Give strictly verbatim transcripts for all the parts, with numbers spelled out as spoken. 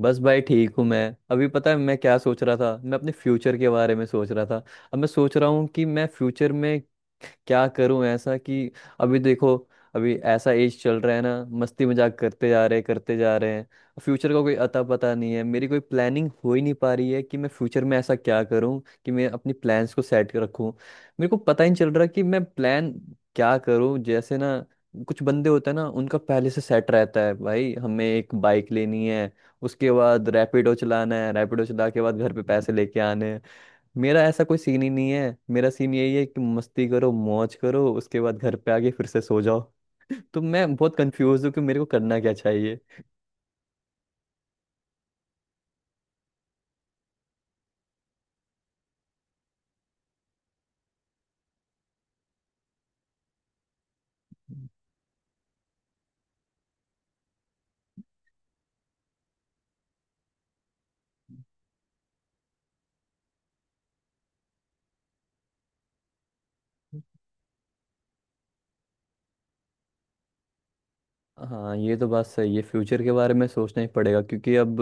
बस भाई ठीक हूँ मैं। अभी पता है मैं क्या सोच रहा था। मैं अपने फ्यूचर के बारे में सोच रहा था। अब मैं सोच रहा हूँ कि मैं फ्यूचर में क्या करूं ऐसा कि अभी देखो, अभी ऐसा एज चल रहा है ना। मस्ती मजाक करते जा रहे हैं, करते जा रहे हैं। फ्यूचर का कोई अता पता नहीं है। मेरी कोई प्लानिंग हो ही नहीं पा रही है कि मैं फ्यूचर में ऐसा क्या करूं कि मैं अपनी प्लान्स को सेट कर रखूं। मेरे को पता ही नहीं चल रहा कि मैं प्लान क्या करूं जैसे ना। कुछ बंदे होते हैं ना, उनका पहले से सेट रहता है, भाई हमें एक बाइक लेनी है, उसके बाद रैपिडो चलाना है, रैपिडो चला के बाद घर पे पैसे लेके आने हैं। मेरा ऐसा कोई सीन ही नहीं है। मेरा सीन यही है कि मस्ती करो, मौज करो, उसके बाद घर पे आके फिर से सो जाओ। तो मैं बहुत कंफ्यूज हूँ कि मेरे को करना क्या चाहिए। हाँ, ये तो बात सही है, फ्यूचर के बारे में सोचना ही पड़ेगा क्योंकि अब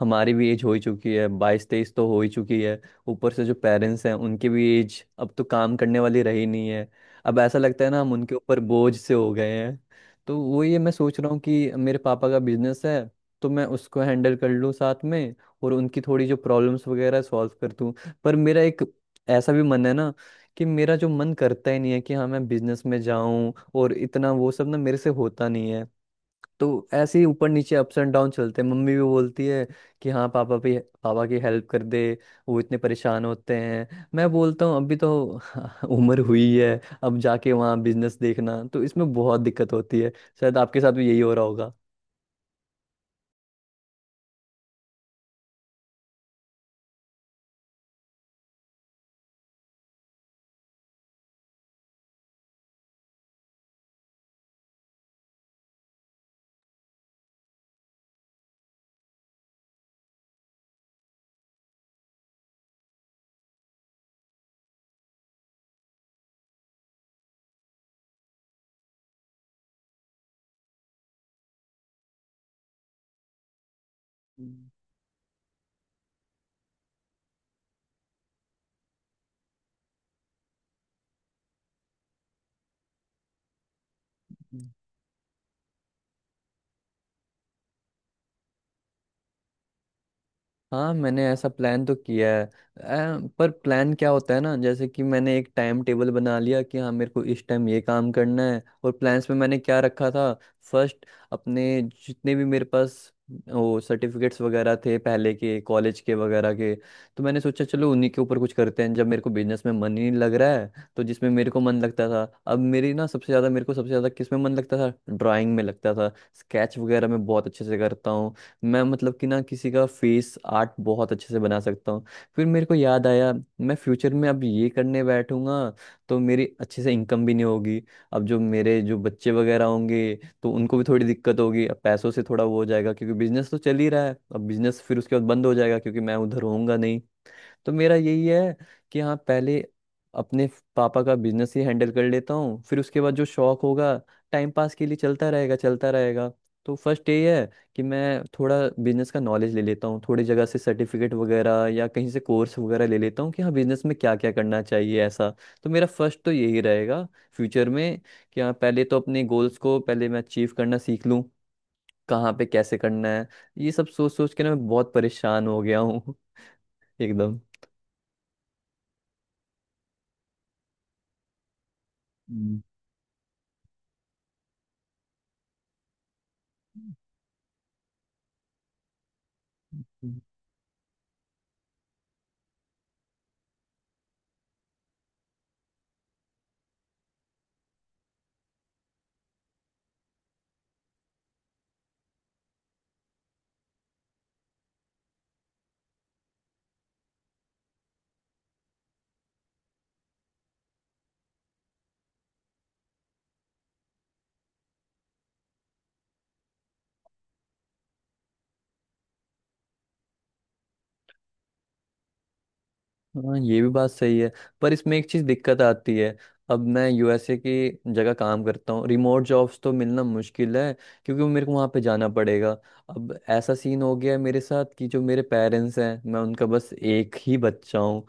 हमारी भी एज हो ही चुकी है। बाईस तेईस तो हो ही चुकी है। ऊपर से जो पेरेंट्स हैं उनकी भी एज अब तो काम करने वाली रही नहीं है। अब ऐसा लगता है ना, हम उनके ऊपर बोझ से हो गए हैं। तो वो ये मैं सोच रहा हूँ कि मेरे पापा का बिजनेस है तो मैं उसको हैंडल कर लूँ साथ में, और उनकी थोड़ी जो प्रॉब्लम्स वगैरह सॉल्व कर दूँ। पर मेरा एक ऐसा भी मन है ना कि मेरा जो मन करता ही नहीं है कि हाँ मैं बिजनेस में जाऊं, और इतना वो सब ना मेरे से होता नहीं है। तो ऐसे ही ऊपर नीचे अप्स एंड डाउन चलते हैं। मम्मी भी बोलती है कि हाँ पापा भी पापा की हेल्प कर दे, वो इतने परेशान होते हैं। मैं बोलता हूँ अभी तो उम्र हुई है। अब जाके वहाँ बिजनेस देखना तो इसमें बहुत दिक्कत होती है। शायद आपके साथ भी यही हो रहा होगा। हम्म, हाँ, मैंने ऐसा प्लान तो किया है। अ, पर प्लान क्या होता है ना, जैसे कि मैंने एक टाइम टेबल बना लिया कि हाँ मेरे को इस टाइम ये काम करना है। और प्लान्स में मैंने क्या रखा था, फर्स्ट अपने जितने भी मेरे पास वो सर्टिफिकेट्स वगैरह थे पहले के, कॉलेज के वगैरह के, तो मैंने सोचा चलो उन्हीं के ऊपर कुछ करते हैं। जब मेरे को बिजनेस में मन ही नहीं लग रहा है तो जिसमें मेरे को मन लगता था, अब मेरी ना सबसे ज़्यादा मेरे को सबसे ज़्यादा किस में मन लगता था, ड्राइंग में लगता था। स्केच वगैरह मैं बहुत अच्छे से करता हूँ। मैं मतलब कि ना किसी का फेस आर्ट बहुत अच्छे से बना सकता हूँ। फिर मेरे को याद आया मैं फ्यूचर में अब ये करने बैठूंगा तो मेरी अच्छे से इनकम भी नहीं होगी। अब जो मेरे जो बच्चे वगैरह होंगे तो उनको भी थोड़ी दिक्कत होगी। अब पैसों से थोड़ा वो हो जाएगा क्योंकि बिजनेस तो चल ही रहा है। अब बिजनेस फिर उसके बाद बंद हो जाएगा क्योंकि मैं उधर होऊंगा नहीं। तो मेरा यही है कि हाँ पहले अपने पापा का बिजनेस ही हैंडल कर लेता हूँ, फिर उसके बाद जो शौक होगा टाइम पास के लिए चलता रहेगा, चलता रहेगा। तो फर्स्ट ये है कि मैं थोड़ा बिजनेस का नॉलेज ले लेता हूँ, थोड़ी जगह से सर्टिफिकेट वगैरह या कहीं से कोर्स वगैरह ले लेता हूँ कि हाँ बिजनेस में क्या क्या करना चाहिए ऐसा। तो मेरा फर्स्ट तो यही रहेगा फ्यूचर में, कि हाँ पहले तो अपने गोल्स को पहले मैं अचीव करना सीख लूँ, कहाँ पे कैसे करना है। ये सब सोच सोच के ना मैं बहुत परेशान हो गया हूँ। एकदम। हाँ, ये भी बात सही है। पर इसमें एक चीज दिक्कत आती है। अब मैं यूएसए की जगह काम करता हूँ, रिमोट जॉब्स तो मिलना मुश्किल है क्योंकि मेरे को वहाँ पे जाना पड़ेगा। अब ऐसा सीन हो गया है मेरे साथ कि जो मेरे पेरेंट्स हैं मैं उनका बस एक ही बच्चा हूँ।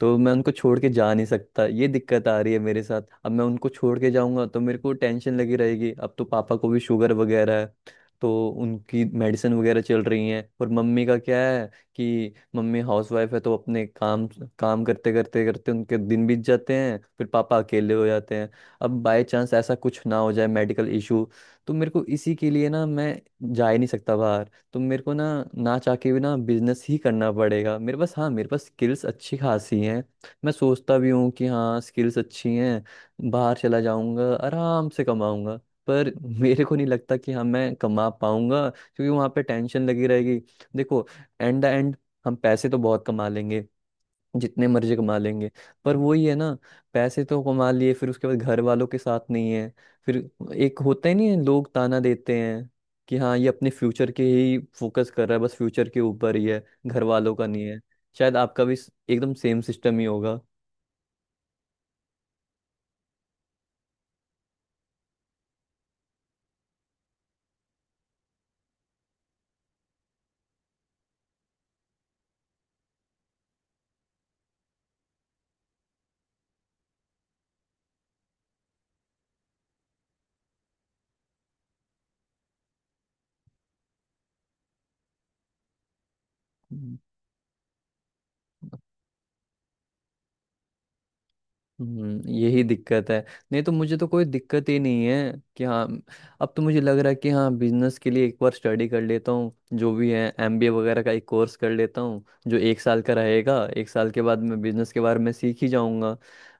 तो मैं उनको छोड़ के जा नहीं सकता, ये दिक्कत आ रही है मेरे साथ। अब मैं उनको छोड़ के जाऊंगा तो मेरे को टेंशन लगी रहेगी। अब तो पापा को भी शुगर वगैरह है तो उनकी मेडिसिन वगैरह चल रही है। और मम्मी का क्या है कि मम्मी हाउसवाइफ है तो अपने काम काम करते करते करते उनके दिन बीत जाते हैं, फिर पापा अकेले हो जाते हैं। अब बाय चांस ऐसा कुछ ना हो जाए, मेडिकल इशू, तो मेरे को इसी के लिए ना मैं जा ही नहीं सकता बाहर। तो मेरे को ना ना चाह के भी ना बिजनेस ही करना पड़ेगा। मेरे पास, हाँ, मेरे पास स्किल्स अच्छी खासी हैं। मैं सोचता भी हूँ कि हाँ स्किल्स अच्छी हैं, बाहर चला जाऊंगा आराम से कमाऊंगा। पर मेरे को नहीं लगता कि हाँ मैं कमा पाऊंगा क्योंकि वहां पे टेंशन लगी रहेगी। देखो, एंड द एंड हम पैसे तो बहुत कमा लेंगे, जितने मर्जी कमा लेंगे। पर वही है ना, पैसे तो कमा लिए फिर उसके बाद घर वालों के साथ नहीं है। फिर एक होता ही नहीं है, लोग ताना देते हैं कि हाँ ये अपने फ्यूचर के ही फोकस कर रहा है, बस फ्यूचर के ऊपर ही है, घर वालों का नहीं है। शायद आपका भी स- एकदम सेम सिस्टम ही होगा। हम्म यही दिक्कत है, नहीं तो मुझे तो कोई दिक्कत ही नहीं है कि हाँ। अब तो मुझे लग रहा है कि हाँ बिजनेस के लिए एक बार स्टडी कर लेता हूँ, जो भी है एमबीए वगैरह का एक कोर्स कर लेता हूँ जो एक साल का रहेगा। एक साल के बाद मैं बिजनेस के बारे में सीख ही जाऊँगा।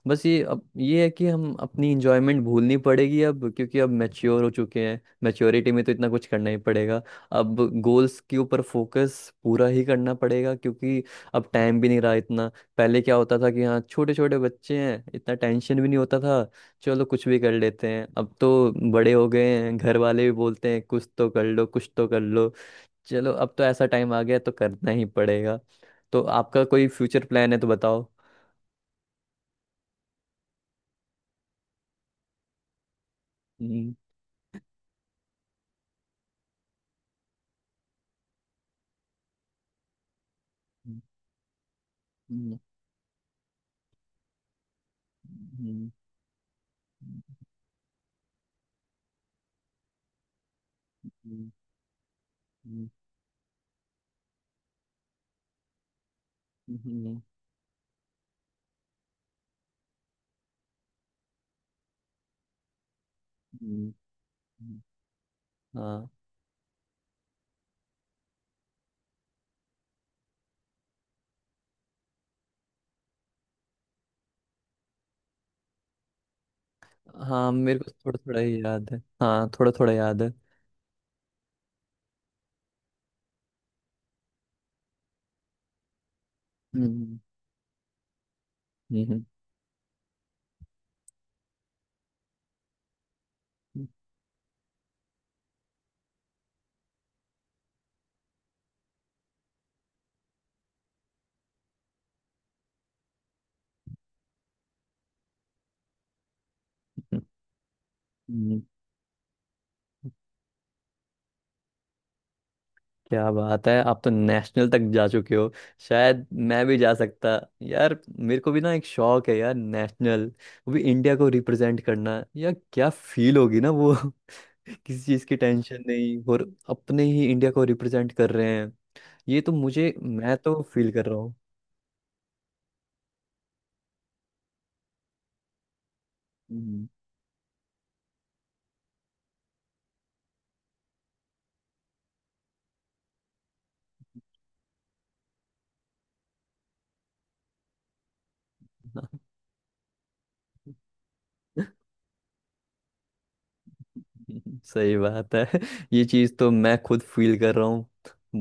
बस ये अब ये है कि हम अपनी इंजॉयमेंट भूलनी पड़ेगी अब, क्योंकि अब मैच्योर हो चुके हैं, मैच्योरिटी में तो इतना कुछ करना ही पड़ेगा। अब गोल्स के ऊपर फोकस पूरा ही करना पड़ेगा क्योंकि अब टाइम भी नहीं रहा इतना। पहले क्या होता था कि हाँ छोटे छोटे बच्चे हैं, इतना टेंशन भी नहीं होता था, चलो कुछ भी कर लेते हैं। अब तो बड़े हो गए हैं, घर वाले भी बोलते हैं कुछ तो कर लो, कुछ तो कर लो। चलो, अब तो ऐसा टाइम आ गया तो करना ही पड़ेगा। तो आपका कोई फ्यूचर प्लान है तो बताओ। हम्म, हम्म, हम्म, हम्म, हम्म, हम्म, हम्म, हम्म। हम्म। हाँ, हाँ, मेरे को थोड़ा थोड़ा ही याद है। हाँ, थोड़ा थोड़ा याद है। हम्म, हम्म, हम्म, हम्म, हम्म। क्या बात है, आप तो नेशनल तक जा चुके हो। शायद मैं भी जा सकता। यार मेरे को भी ना एक शौक है यार, नेशनल, वो भी इंडिया को रिप्रेजेंट करना यार, क्या फील होगी ना वो। किसी चीज़ की टेंशन नहीं और अपने ही इंडिया को रिप्रेजेंट कर रहे हैं। ये तो मुझे, मैं तो फील कर रहा हूँ। हम्म, सही बात है। ये चीज़ तो मैं खुद फील कर रहा हूँ।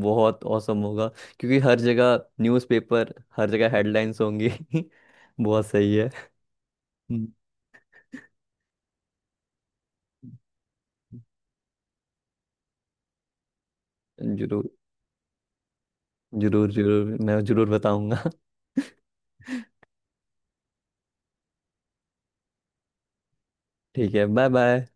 बहुत औसम होगा क्योंकि हर जगह न्यूज़पेपर, हर जगह हेडलाइंस होंगी। बहुत सही है। हम्म, जरूर। जरूर जरूर, मैं जरूर बताऊंगा। ठीक है, बाय बाय।